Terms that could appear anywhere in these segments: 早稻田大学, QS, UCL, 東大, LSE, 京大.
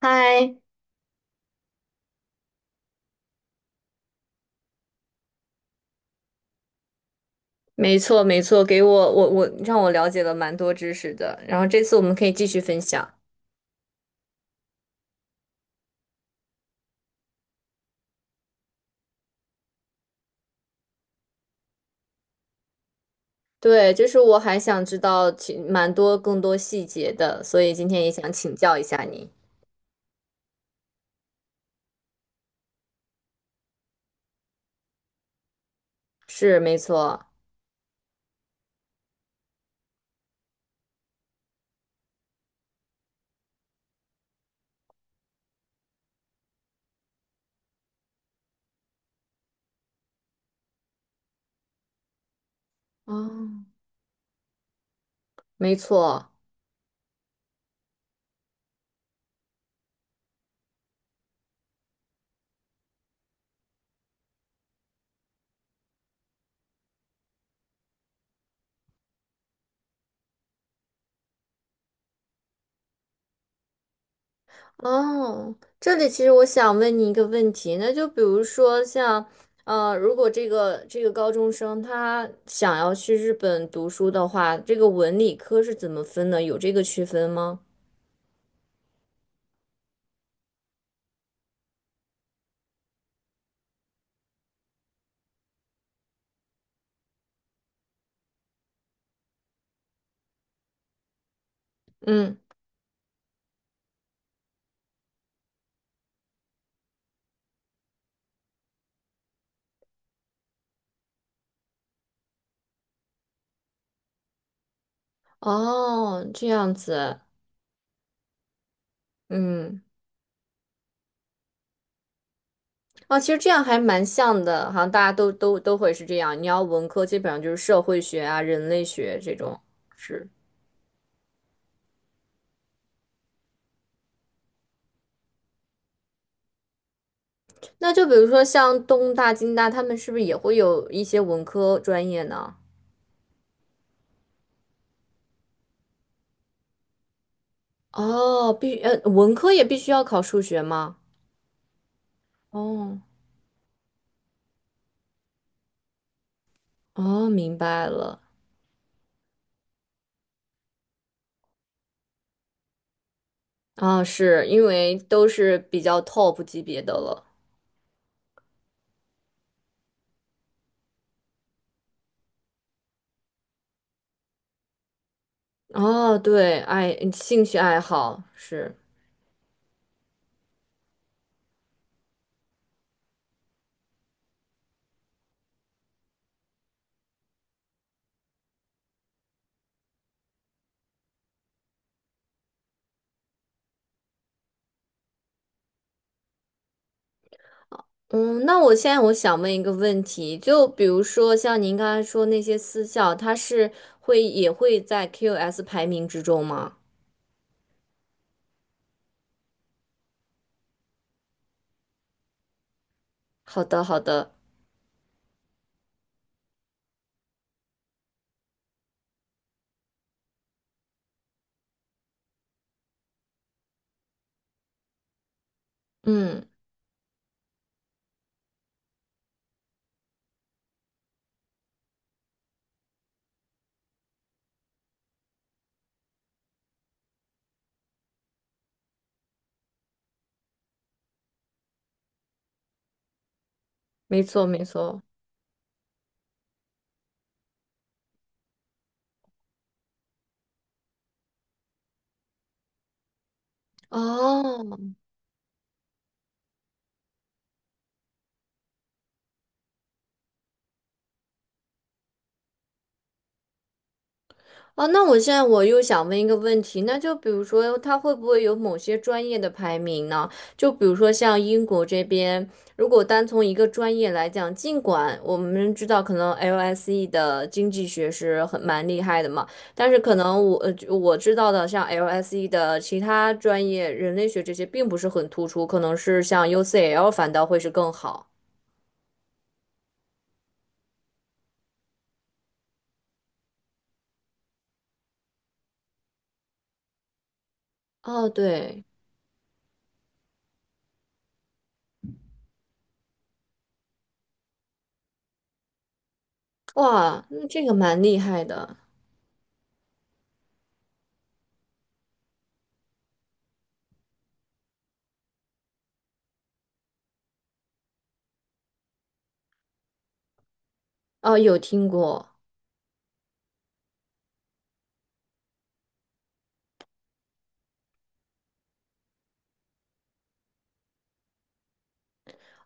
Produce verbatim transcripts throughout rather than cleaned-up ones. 嗨，没错没错，给我我我让我了解了蛮多知识的，然后这次我们可以继续分享。对，就是我还想知道其蛮多更多细节的，所以今天也想请教一下你。是，没错，哦，没错，哦，这里其实我想问你一个问题，那就比如说像，呃，如果这个这个高中生他想要去日本读书的话，这个文理科是怎么分的？有这个区分吗？嗯。哦，这样子，嗯，哦，其实这样还蛮像的，好像大家都都都会是这样。你要文科，基本上就是社会学啊、人类学这种。是，那就比如说像东大、京大，他们是不是也会有一些文科专业呢？哦，必呃，文科也必须要考数学吗？哦，哦，明白了。啊，是因为都是比较 top 级别的了。哦，对，爱兴趣爱好是。嗯，那我现在我想问一个问题，就比如说像您刚才说那些私校，它是会也会在 Q S 排名之中吗？好的，好的，嗯，没错，没错。哦，哦，那我现在我又想问一个问题，那就比如说，它会不会有某些专业的排名呢？就比如说像英国这边，如果单从一个专业来讲，尽管我们知道可能 L S E 的经济学是很蛮厉害的嘛，但是可能我呃我知道的像 L S E 的其他专业，人类学这些并不是很突出，可能是像 U C L 反倒会是更好。哦，对，哇，那这个蛮厉害的，哦，有听过。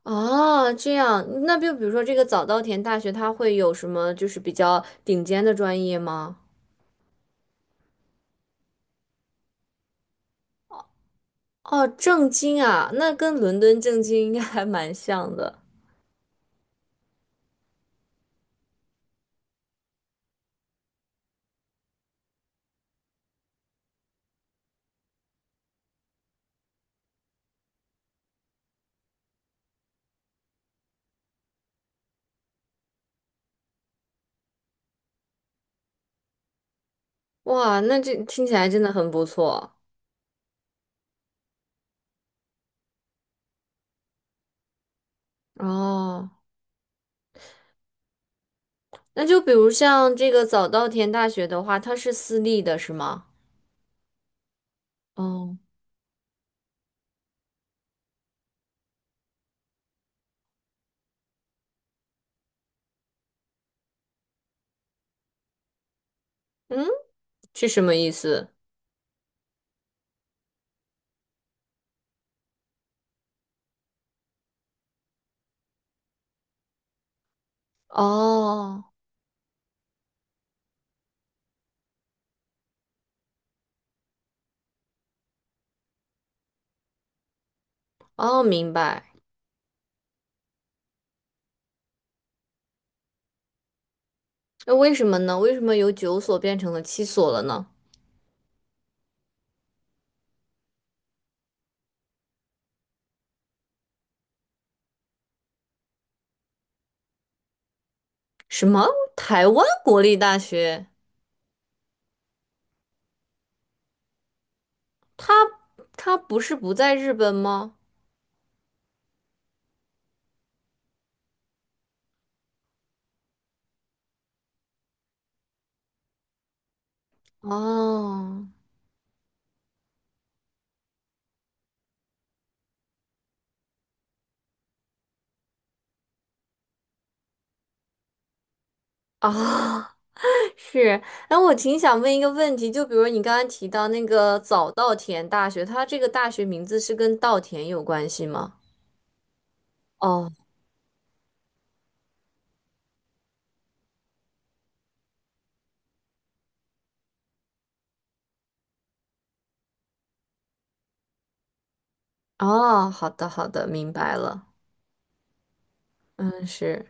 哦，这样，那就比如说这个早稻田大学，它会有什么就是比较顶尖的专业吗？哦，政经啊，那跟伦敦政经应该还蛮像的。哇，那这听起来真的很不错。哦，那就比如像这个早稻田大学的话，它是私立的，是吗？哦，嗯，是什么意思？哦，哦，明白。那为什么呢？为什么由九所变成了七所了呢？什么？台湾国立大学？他他不是不在日本吗？哦啊，是。哎，我挺想问一个问题，就比如你刚刚提到那个早稻田大学，它这个大学名字是跟稻田有关系吗？哦哦，好的好的，明白了。嗯，是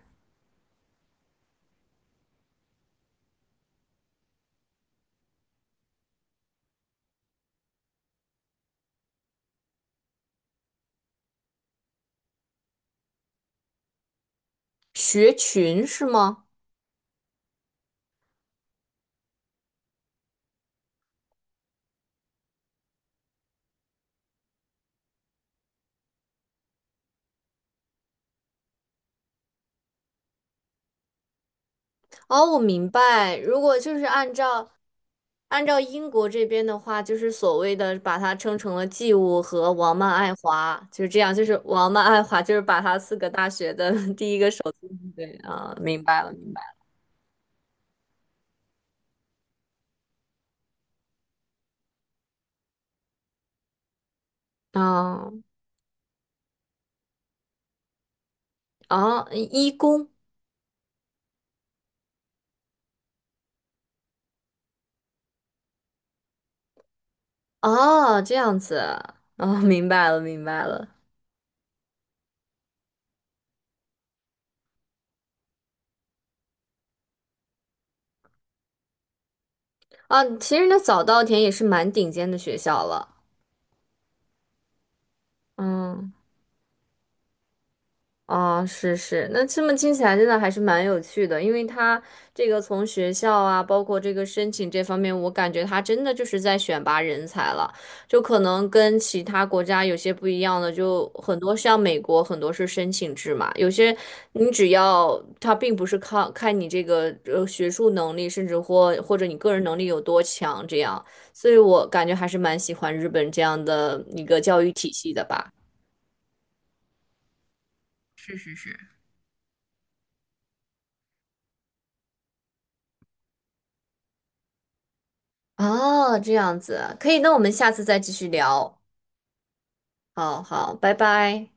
学群是吗？哦，我明白。如果就是按照按照英国这边的话，就是所谓的把它称成了季物和王曼爱华，就是这样。就是王曼爱华，就是把他四个大学的 第一个首对啊，明白了，明白了。啊哦，一工哦，啊这样子哦，明白了，明白了。啊，其实那早稻田也是蛮顶尖的学校了。嗯。啊，是是，那这么听起来真的还是蛮有趣的，因为他这个从学校啊，包括这个申请这方面，我感觉他真的就是在选拔人才了，就可能跟其他国家有些不一样的，就很多像美国很多是申请制嘛，有些你只要他并不是靠看你这个呃学术能力，甚至或或者你个人能力有多强这样，所以我感觉还是蛮喜欢日本这样的一个教育体系的吧。是是是。哦，这样子啊可以，那我们下次再继续聊。好好，拜拜。